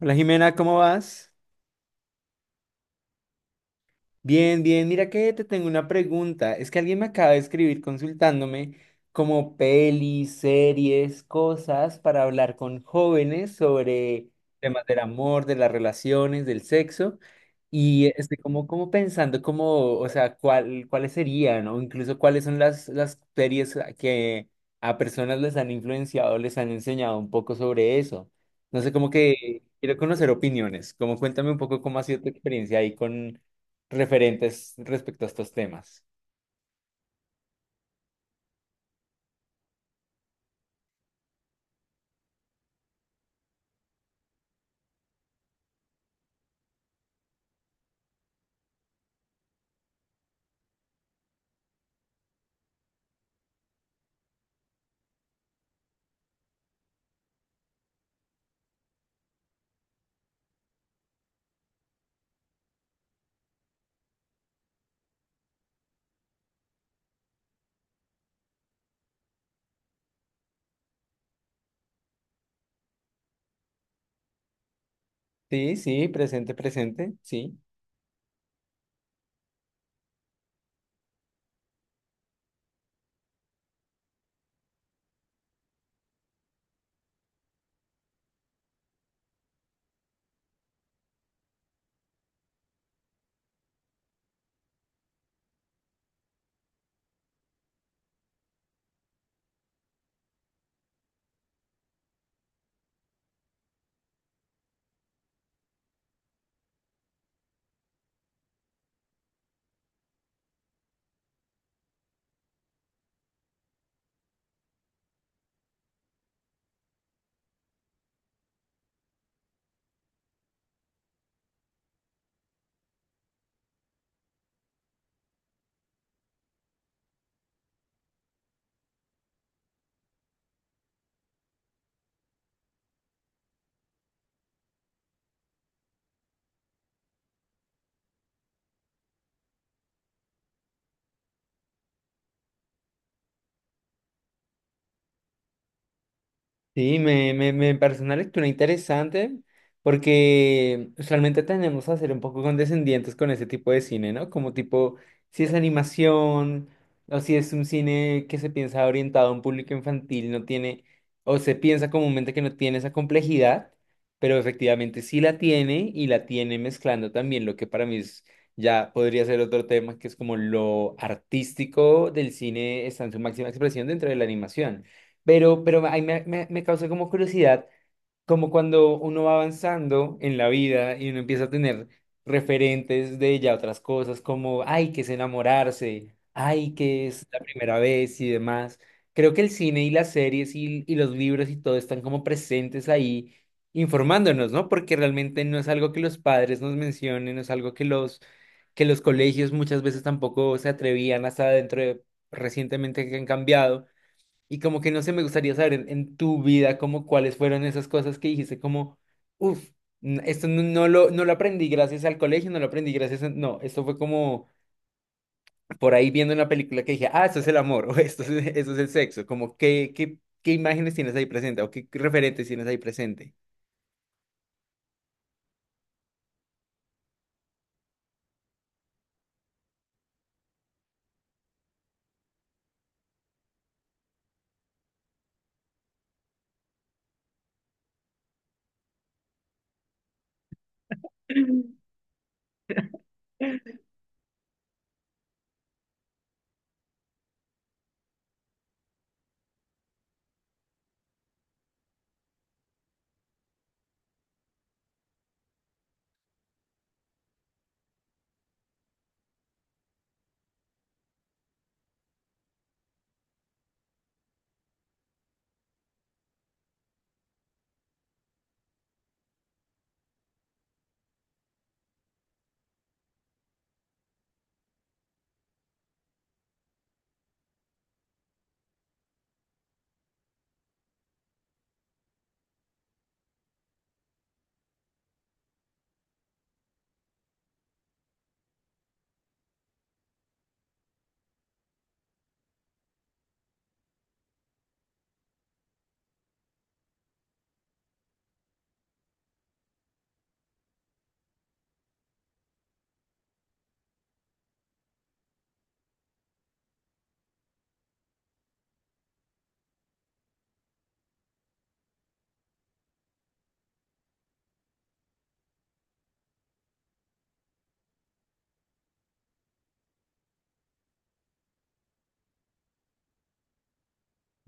Hola Jimena, ¿cómo vas? Bien, bien, mira que te tengo una pregunta. Es que alguien me acaba de escribir consultándome como pelis, series, cosas para hablar con jóvenes sobre temas del amor, de las relaciones, del sexo. Y estoy como pensando como, o sea, cuáles serían, o incluso cuáles son las series que a personas les han influenciado, les han enseñado un poco sobre eso. No sé, como que quiero conocer opiniones. Como cuéntame un poco cómo ha sido tu experiencia ahí referentes respecto a estos temas. Sí, sí, presente, presente, sí. Sí, me parece una lectura interesante porque usualmente tendemos a ser un poco condescendientes con ese tipo de cine, ¿no? Como tipo, si es animación o si es un cine que se piensa orientado a un público infantil, no tiene, o se piensa comúnmente que no tiene esa complejidad, pero efectivamente sí la tiene y la tiene mezclando también lo que para mí es- ya podría ser otro tema, que es como lo artístico del cine está en su máxima expresión dentro de la animación. Pero ahí me causa como curiosidad, como cuando uno va avanzando en la vida y uno empieza a tener referentes de ya otras cosas, como, ay, que es enamorarse, ay, que es la primera vez y demás. Creo que el cine y las series y los libros y todo están como presentes ahí informándonos, ¿no? Porque realmente no es algo que los padres nos mencionen, no es algo que que los colegios muchas veces tampoco se atrevían hasta dentro de recientemente que han cambiado y como que no sé, me gustaría saber en tu vida como cuáles fueron esas cosas que dijiste como, uff, esto no, no lo aprendí gracias al colegio, no lo aprendí gracias a... No, esto fue como por ahí viendo una película que dije, ah, esto es el amor, o esto es el sexo, como qué imágenes tienes ahí presente o qué referentes tienes ahí presente.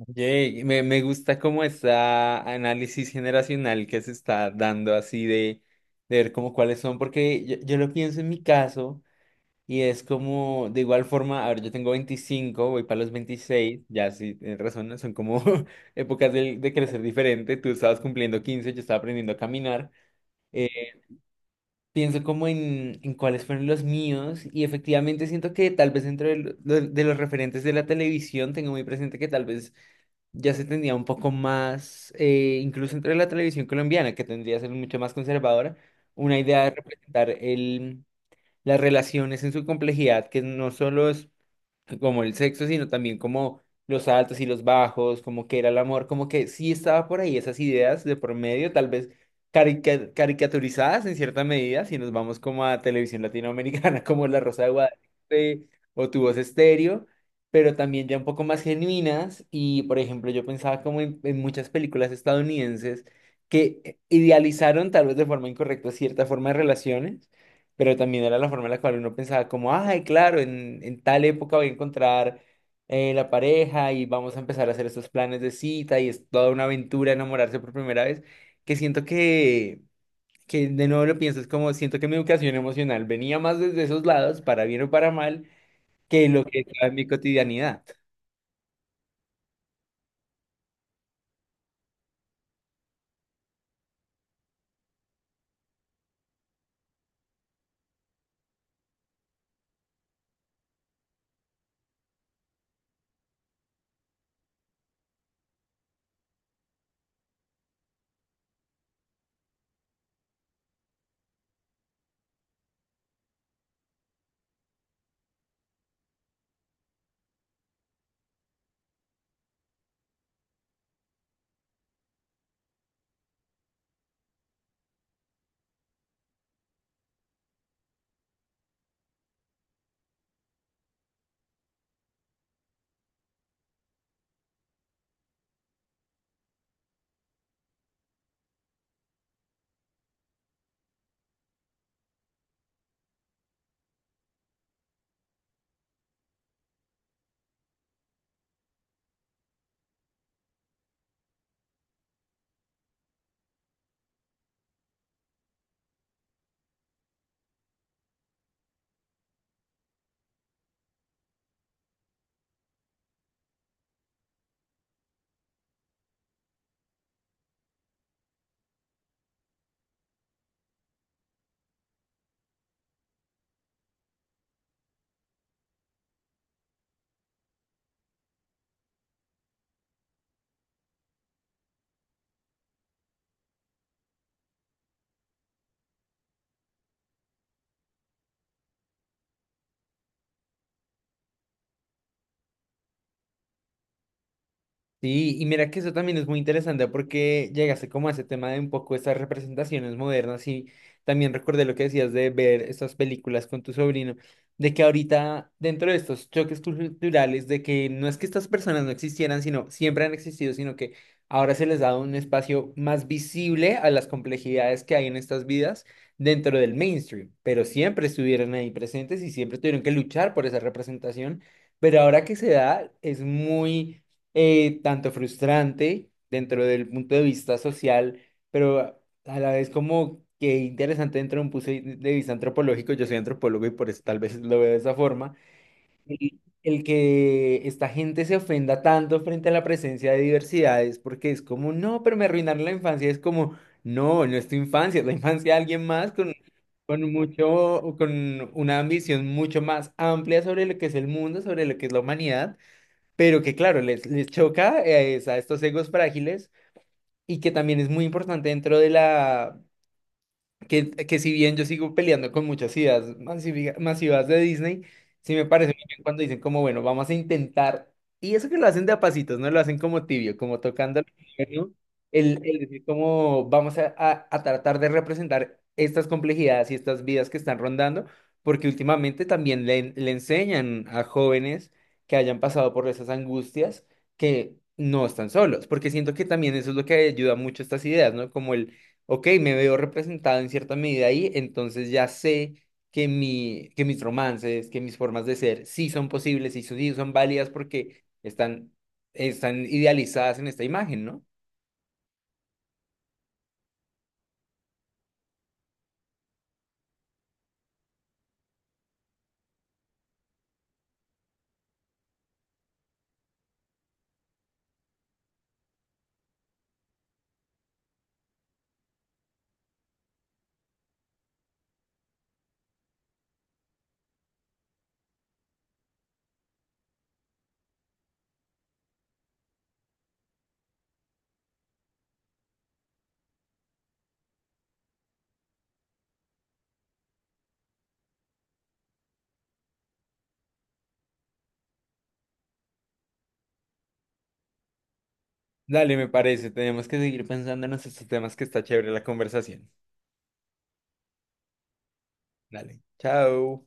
Oye, me gusta como esta análisis generacional que se está dando así de ver como cuáles son, porque yo lo pienso en mi caso. Y es como, de igual forma, a ver, yo tengo 25, voy para los 26, ya sí, tienes razón, ¿no? Son como épocas del de crecer diferente, tú estabas cumpliendo 15, yo estaba aprendiendo a caminar, eh, pienso como en cuáles fueron los míos y efectivamente siento que tal vez dentro de, de los referentes de la televisión tengo muy presente que tal vez ya se tendría un poco más, incluso entre la televisión colombiana, que tendría que ser mucho más conservadora, una idea de representar el... las relaciones en su complejidad, que no solo es como el sexo, sino también como los altos y los bajos, como que era el amor, como que sí estaba por ahí esas ideas de por medio, tal vez caricaturizadas en cierta medida, si nos vamos como a televisión latinoamericana, como La Rosa de Guadalupe o Tu Voz Estéreo, pero también ya un poco más genuinas y, por ejemplo, yo pensaba como en muchas películas estadounidenses que idealizaron tal vez de forma incorrecta cierta forma de relaciones, pero también era la forma en la cual uno pensaba como, ay, claro, en tal época voy a encontrar la pareja y vamos a empezar a hacer estos planes de cita y es toda una aventura enamorarse por primera vez, que siento que de nuevo lo pienso, es como siento que mi educación emocional venía más desde esos lados, para bien o para mal, que lo que estaba en mi cotidianidad. Sí, y mira que eso también es muy interesante porque llegaste como a ese tema de un poco estas representaciones modernas y también recordé lo que decías de ver estas películas con tu sobrino, de que ahorita dentro de estos choques culturales, de que no es que estas personas no existieran, sino siempre han existido, sino que ahora se les da un espacio más visible a las complejidades que hay en estas vidas dentro del mainstream, pero siempre estuvieron ahí presentes y siempre tuvieron que luchar por esa representación, pero ahora que se da es muy tanto frustrante dentro del punto de vista social, pero a la vez como que interesante dentro de un punto de vista antropológico. Yo soy antropólogo y por eso tal vez lo veo de esa forma. El que esta gente se ofenda tanto frente a la presencia de diversidades, porque es como, no, pero me arruinaron la infancia. Es como, no, no es tu infancia, es la infancia de alguien más con mucho, con una ambición mucho más amplia sobre lo que es el mundo, sobre lo que es la humanidad, pero que claro, les choca es a estos egos frágiles y que también es muy importante dentro de la, que si bien yo sigo peleando con muchas ideas masivas de Disney, sí me parece muy bien cuando dicen como, bueno, vamos a intentar, y eso que lo hacen de a pasitos, no lo hacen como tibio, como tocando, ¿no? El decir como vamos a, a tratar de representar estas complejidades y estas vidas que están rondando, porque últimamente también le, le enseñan a jóvenes que hayan pasado por esas angustias que no están solos, porque siento que también eso es lo que ayuda mucho a estas ideas, ¿no? Como el ok, me veo representado en cierta medida ahí, entonces ya sé que, que mis romances, que mis formas de ser sí son posibles, sí, sí son válidas porque están, están idealizadas en esta imagen, ¿no? Dale, me parece, tenemos que seguir pensando en estos temas que está chévere la conversación. Dale, chao.